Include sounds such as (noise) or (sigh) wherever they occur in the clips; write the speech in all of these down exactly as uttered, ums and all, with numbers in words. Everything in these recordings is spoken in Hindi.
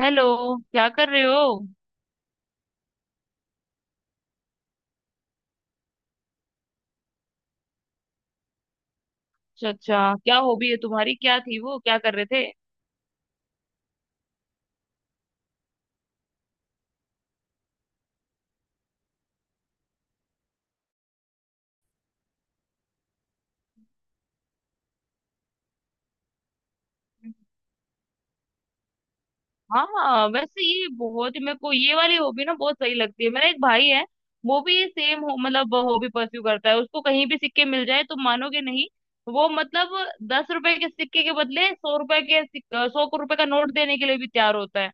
हेलो। क्या कर रहे हो? अच्छा, अच्छा, क्या हॉबी है तुम्हारी? क्या थी वो? क्या कर रहे थे? हाँ, वैसे ये बहुत, मेरे को ये वाली हॉबी ना बहुत सही लगती है। मेरा एक भाई है, वो भी ये सेम, हो मतलब हॉबी परस्यू करता है, उसको कहीं भी सिक्के मिल जाए तो मानोगे नहीं। वो मतलब दस रुपए के सिक्के के बदले सौ रुपए के सिक- सौ को रुपए का नोट देने के लिए भी तैयार होता है।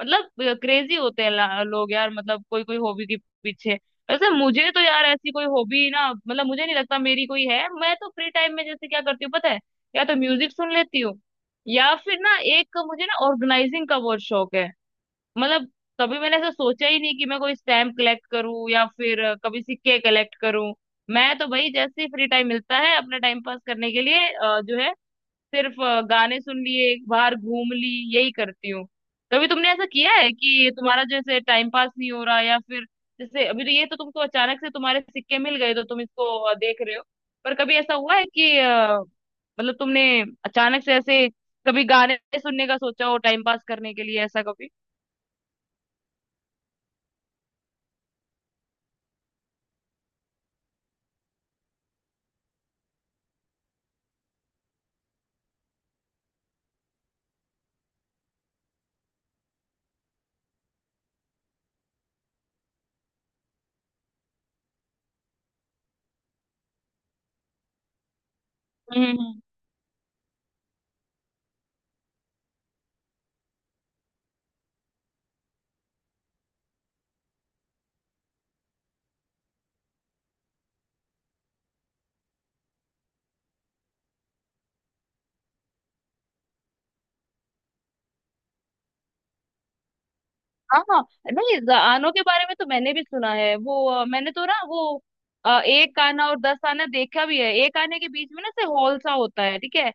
मतलब क्रेजी होते हैं ला- लोग यार, मतलब कोई कोई हॉबी के पीछे। वैसे मुझे तो यार ऐसी कोई हॉबी ना, मतलब मुझे नहीं लगता मेरी कोई है। मैं तो फ्री टाइम में जैसे क्या करती हूँ, पता है? या तो म्यूजिक सुन लेती हूँ, या फिर ना एक मुझे ना ऑर्गेनाइजिंग का बहुत शौक है, मतलब। कभी मैंने ऐसा सोचा ही नहीं कि मैं कोई स्टैम्प कलेक्ट करूं या फिर अ, कभी सिक्के कलेक्ट करूं। मैं तो भाई जैसे ही फ्री टाइम मिलता है अपना टाइम पास करने के लिए, अ, जो है, सिर्फ अ, गाने सुन लिए, बाहर घूम ली, यही करती हूँ। कभी तुमने ऐसा किया है कि तुम्हारा जैसे टाइम पास नहीं हो रहा, या फिर? जैसे अभी तो ये तो तुमको अचानक से तुम्हारे सिक्के मिल गए तो तुम इसको अ, देख रहे हो। पर कभी ऐसा हुआ है कि, अ, मतलब तुमने अचानक से ऐसे कभी गाने सुनने का सोचा हो टाइम पास करने के लिए, ऐसा कभी? हम्म। हाँ, हाँ। नहीं, जआनों के बारे में तो मैंने भी सुना है, वो अ, मैंने तो ना वो अ, एक आना और दस आना देखा भी है। एक आने के बीच में ना से हॉल सा होता है, ठीक है।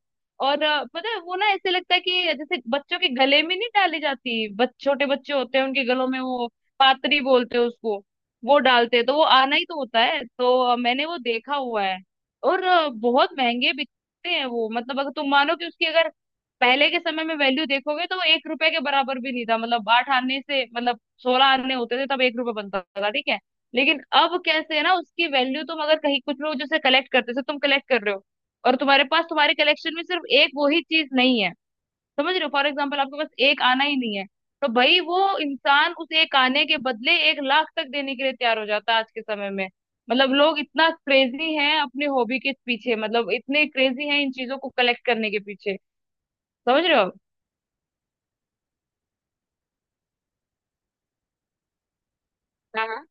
और अ, पता है, वो ना ऐसे लगता है कि जैसे बच्चों के गले में नहीं डाली जाती, बच, छोटे बच्चे होते हैं उनके गलों में वो, पातरी बोलते हैं उसको, वो डालते हैं तो वो आना ही तो होता है, तो अ, मैंने वो देखा हुआ है। और अ, बहुत महंगे बिकते हैं वो, मतलब अगर तुम मानो कि उसकी अगर पहले के समय में वैल्यू देखोगे तो वो एक रुपए के बराबर भी नहीं था, मतलब आठ आने से मतलब सोलह आने होते थे तब एक रुपए बनता था, ठीक है। लेकिन अब कैसे है ना उसकी वैल्यू, तुम अगर कहीं कुछ लोग जैसे कलेक्ट करते, जैसे तुम कलेक्ट कर रहे हो, और तुम्हारे पास, तुम्हारे कलेक्शन में सिर्फ एक वो ही चीज नहीं है। समझ रहे हो? फॉर एग्जाम्पल, आपके पास एक आना ही नहीं है, तो भाई वो इंसान उस एक आने के बदले एक लाख तक देने के लिए तैयार हो जाता है आज के समय में। मतलब लोग इतना क्रेजी हैं अपनी हॉबी के पीछे, मतलब इतने क्रेजी हैं इन चीजों को कलेक्ट करने के पीछे, समझ रहे हो? हाँ, हाँ।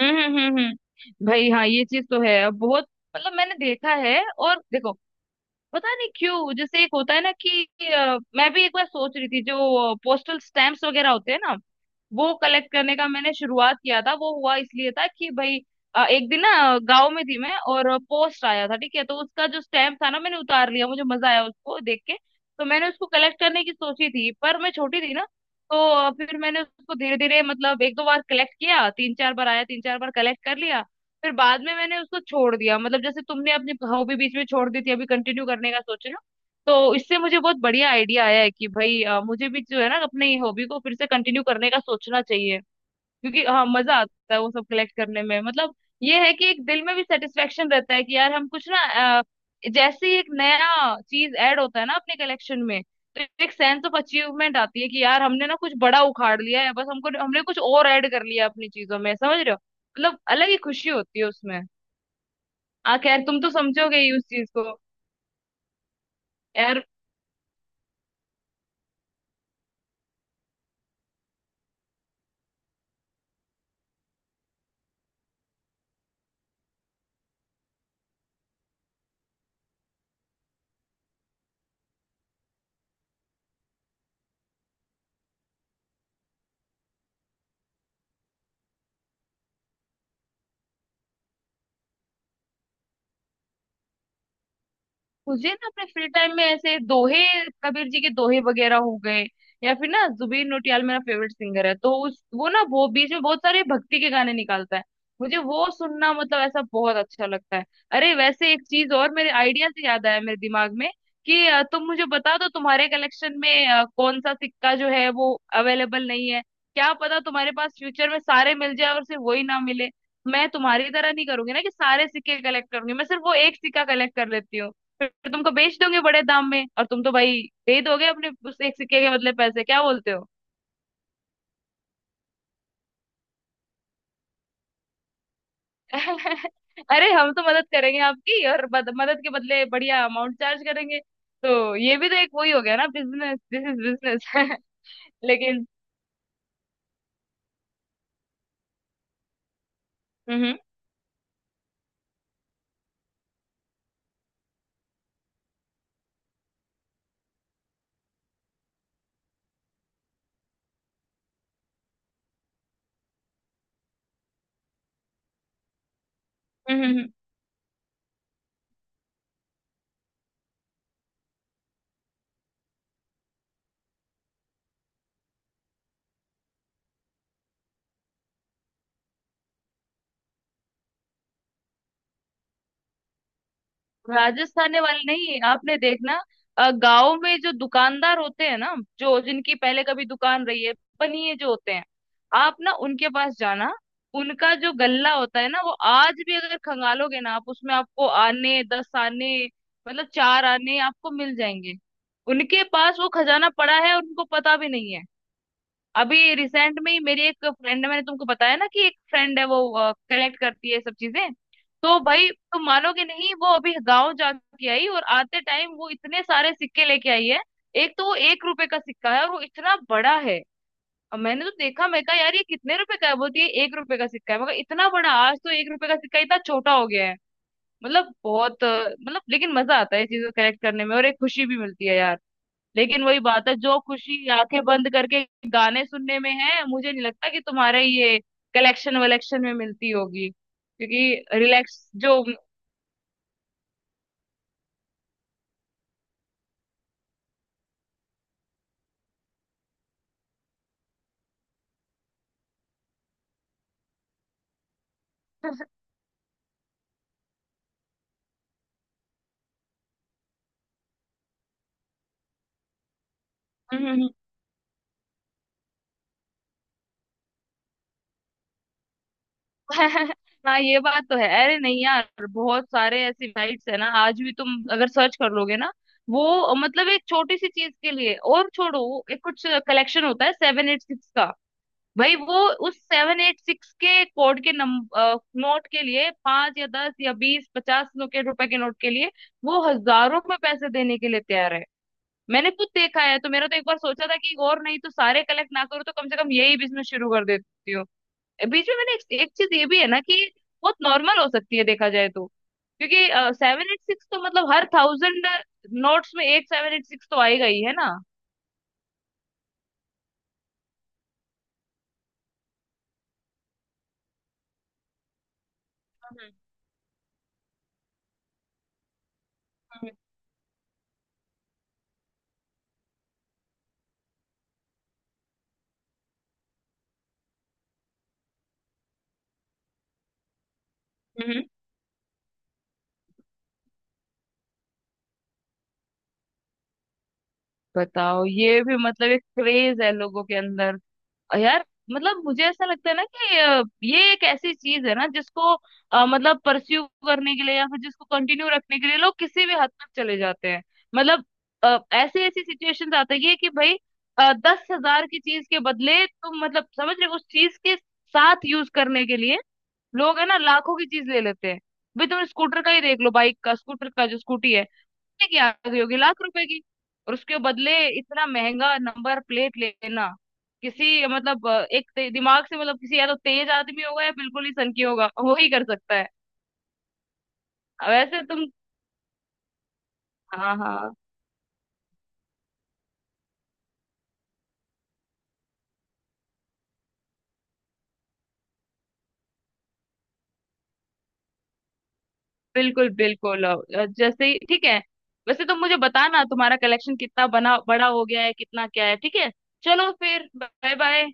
हम्म, हम्म, हम्म, हम्म। भाई हाँ, ये चीज तो है अब बहुत, मतलब मैंने देखा है, और देखो, पता नहीं क्यों, जैसे एक होता है ना कि अ, मैं भी एक बार सोच रही थी, जो पोस्टल स्टैम्प्स वगैरह होते हैं ना, वो कलेक्ट करने का मैंने शुरुआत किया था। वो हुआ इसलिए था कि भाई अ, एक दिन ना गांव में थी मैं और पोस्ट आया था, ठीक है, तो उसका जो स्टैम्प था ना मैंने उतार लिया, मुझे मजा आया उसको देख के। तो मैंने उसको कलेक्ट करने की सोची थी, पर मैं छोटी थी ना। तो अ, फिर मैंने उसको धीरे धीरे मतलब एक दो बार कलेक्ट किया, तीन चार बार आया, तीन चार बार कलेक्ट कर लिया। फिर बाद में मैंने उसको छोड़ दिया, मतलब जैसे तुमने अपनी हॉबी बीच में छोड़ दी थी, अभी कंटिन्यू करने का सोच रहे हो। तो इससे मुझे बहुत बढ़िया आइडिया आया है कि भाई अ, मुझे भी जो है ना, अपनी हॉबी को फिर से कंटिन्यू करने का सोचना चाहिए। क्योंकि हाँ, मजा आता है वो सब कलेक्ट करने में, मतलब ये है कि एक दिल में भी सेटिस्फेक्शन रहता है कि यार हम कुछ ना, अ, जैसे ही एक नया चीज ऐड होता है ना अपने कलेक्शन में, तो एक सेंस ऑफ अचीवमेंट आती है कि यार हमने ना कुछ बड़ा उखाड़ लिया है, बस हमको, हमने कुछ और ऐड कर लिया अपनी चीजों में, समझ रहे हो? मतलब अलग ही खुशी होती है उसमें। आ खैर तुम तो समझोगे ही उस चीज को। यार, मुझे ना अपने फ्री टाइम में ऐसे दोहे, कबीर जी के दोहे वगैरह हो गए, या फिर ना जुबीन नौटियाल मेरा फेवरेट सिंगर है, तो उस, वो ना, वो बीच में बहुत सारे भक्ति के गाने निकालता है, मुझे वो सुनना मतलब ऐसा बहुत अच्छा लगता है। अरे वैसे एक चीज और मेरे आइडिया से याद आया मेरे दिमाग में कि अ, तुम मुझे बता दो तुम्हारे कलेक्शन में अ, कौन सा सिक्का जो है वो अवेलेबल नहीं है। क्या पता तुम्हारे पास फ्यूचर में सारे मिल जाए और सिर्फ वही ना मिले। मैं तुम्हारी तरह नहीं करूंगी ना कि सारे सिक्के कलेक्ट करूंगी, मैं सिर्फ वो एक सिक्का कलेक्ट कर लेती हूँ, फिर तुमको बेच दोगे बड़े दाम में, और तुम तो भाई दे दोगे अपने उस एक सिक्के के बदले पैसे, क्या बोलते हो? (laughs) अरे हम तो मदद करेंगे आपकी, और बद, मदद के बदले बढ़िया अमाउंट चार्ज करेंगे, तो ये भी तो एक वही हो गया ना, बिजनेस, दिस इज बिजनेस। (laughs) लेकिन। हम्म, हम्म, हम्म, हम्म। राजस्थानी वाले नहीं, आपने देखना, अ, गाँव में जो दुकानदार होते हैं ना, जो जिनकी पहले कभी दुकान रही है, बनिए जो होते हैं, आप ना उनके पास जाना, उनका जो गल्ला होता है ना वो आज भी अगर खंगालोगे ना, आप उसमें आपको आने, दस आने मतलब चार आने आपको मिल जाएंगे। उनके पास वो खजाना पड़ा है और उनको पता भी नहीं है। अभी रिसेंट में ही मेरी एक फ्रेंड है, मैंने तुमको बताया ना कि एक फ्रेंड है, वो कलेक्ट करती है ये सब चीजें, तो भाई तुम मानोगे नहीं, वो अभी गांव जाके आई, और आते टाइम वो इतने सारे सिक्के लेके आई है। एक तो वो एक रुपए का सिक्का है और वो इतना बड़ा है, और मैंने तो देखा, मैं कहा यार ये कितने रुपए का है, बोलती है एक रुपए का सिक्का है, मगर इतना बड़ा, आज तो एक रुपए का सिक्का इतना छोटा हो गया है। मतलब बहुत, अ, मतलब लेकिन मजा आता है ये चीजें कलेक्ट करने में और एक खुशी भी मिलती है यार। लेकिन वही बात है, जो खुशी आंखें बंद करके गाने सुनने में है, मुझे नहीं लगता कि तुम्हारे ये कलेक्शन वलेक्शन में मिलती होगी, क्योंकि रिलैक्स जो। (laughs) हाँ, ये बात तो है। अरे नहीं यार, बहुत सारे ऐसी साइट्स है ना, आज भी तुम अगर सर्च कर लोगे ना, वो मतलब एक छोटी सी चीज के लिए, और छोड़ो, वो एक कुछ कलेक्शन होता है सेवन एट सिक्स का, भाई वो उस सेवन एट सिक्स के कोड के नम नोट के लिए, पांच या दस या बीस पचास नो के रुपए के नोट के लिए वो हजारों में पैसे देने के लिए तैयार है, मैंने खुद देखा है। तो मेरा तो एक बार सोचा था कि और नहीं तो सारे कलेक्ट ना करूँ, तो कम से कम यही बिजनेस शुरू कर देती हूँ। बीच में मैंने, एक, एक चीज ये भी है ना कि बहुत नॉर्मल हो सकती है देखा जाए तो, क्योंकि सेवन एट सिक्स तो मतलब हर थाउजेंड नोट्स में एक सेवन एट सिक्स तो आएगा ही है ना। हम्म, हम्म। बताओ, ये भी मतलब एक क्रेज है लोगों के अंदर। अ यार मतलब मुझे ऐसा लगता है ना कि अ, ये एक ऐसी चीज है ना जिसको अ, मतलब परस्यू करने के लिए या फिर जिसको कंटिन्यू रखने के लिए लोग किसी भी हद तक चले जाते हैं। मतलब अ, ऐसी ऐसी सिचुएशंस आती है कि भाई दस हजार की चीज के बदले तुम, मतलब समझ रहे हो, उस चीज के साथ यूज करने के लिए लोग है ना लाखों की चीज ले लेते हैं। भाई तुम स्कूटर का ही देख लो, बाइक का, स्कूटर का जो स्कूटी है, की आ गई होगी लाख रुपए की, और उसके बदले इतना महंगा नंबर प्लेट लेना, किसी मतलब अ, एक ते- दिमाग से मतलब, किसी या तो तेज आदमी होगा या बिल्कुल ही सनकी होगा, वो ही कर सकता है। वैसे तुम, हाँ, हाँ, बिल्कुल, बिल्कुल, अ, अ, जैसे ही ठीक है। वैसे तुम मुझे बताना तुम्हारा कलेक्शन कितना बना, बड़ा हो गया है, कितना क्या है, ठीक है। चलो फिर। Bye, bye.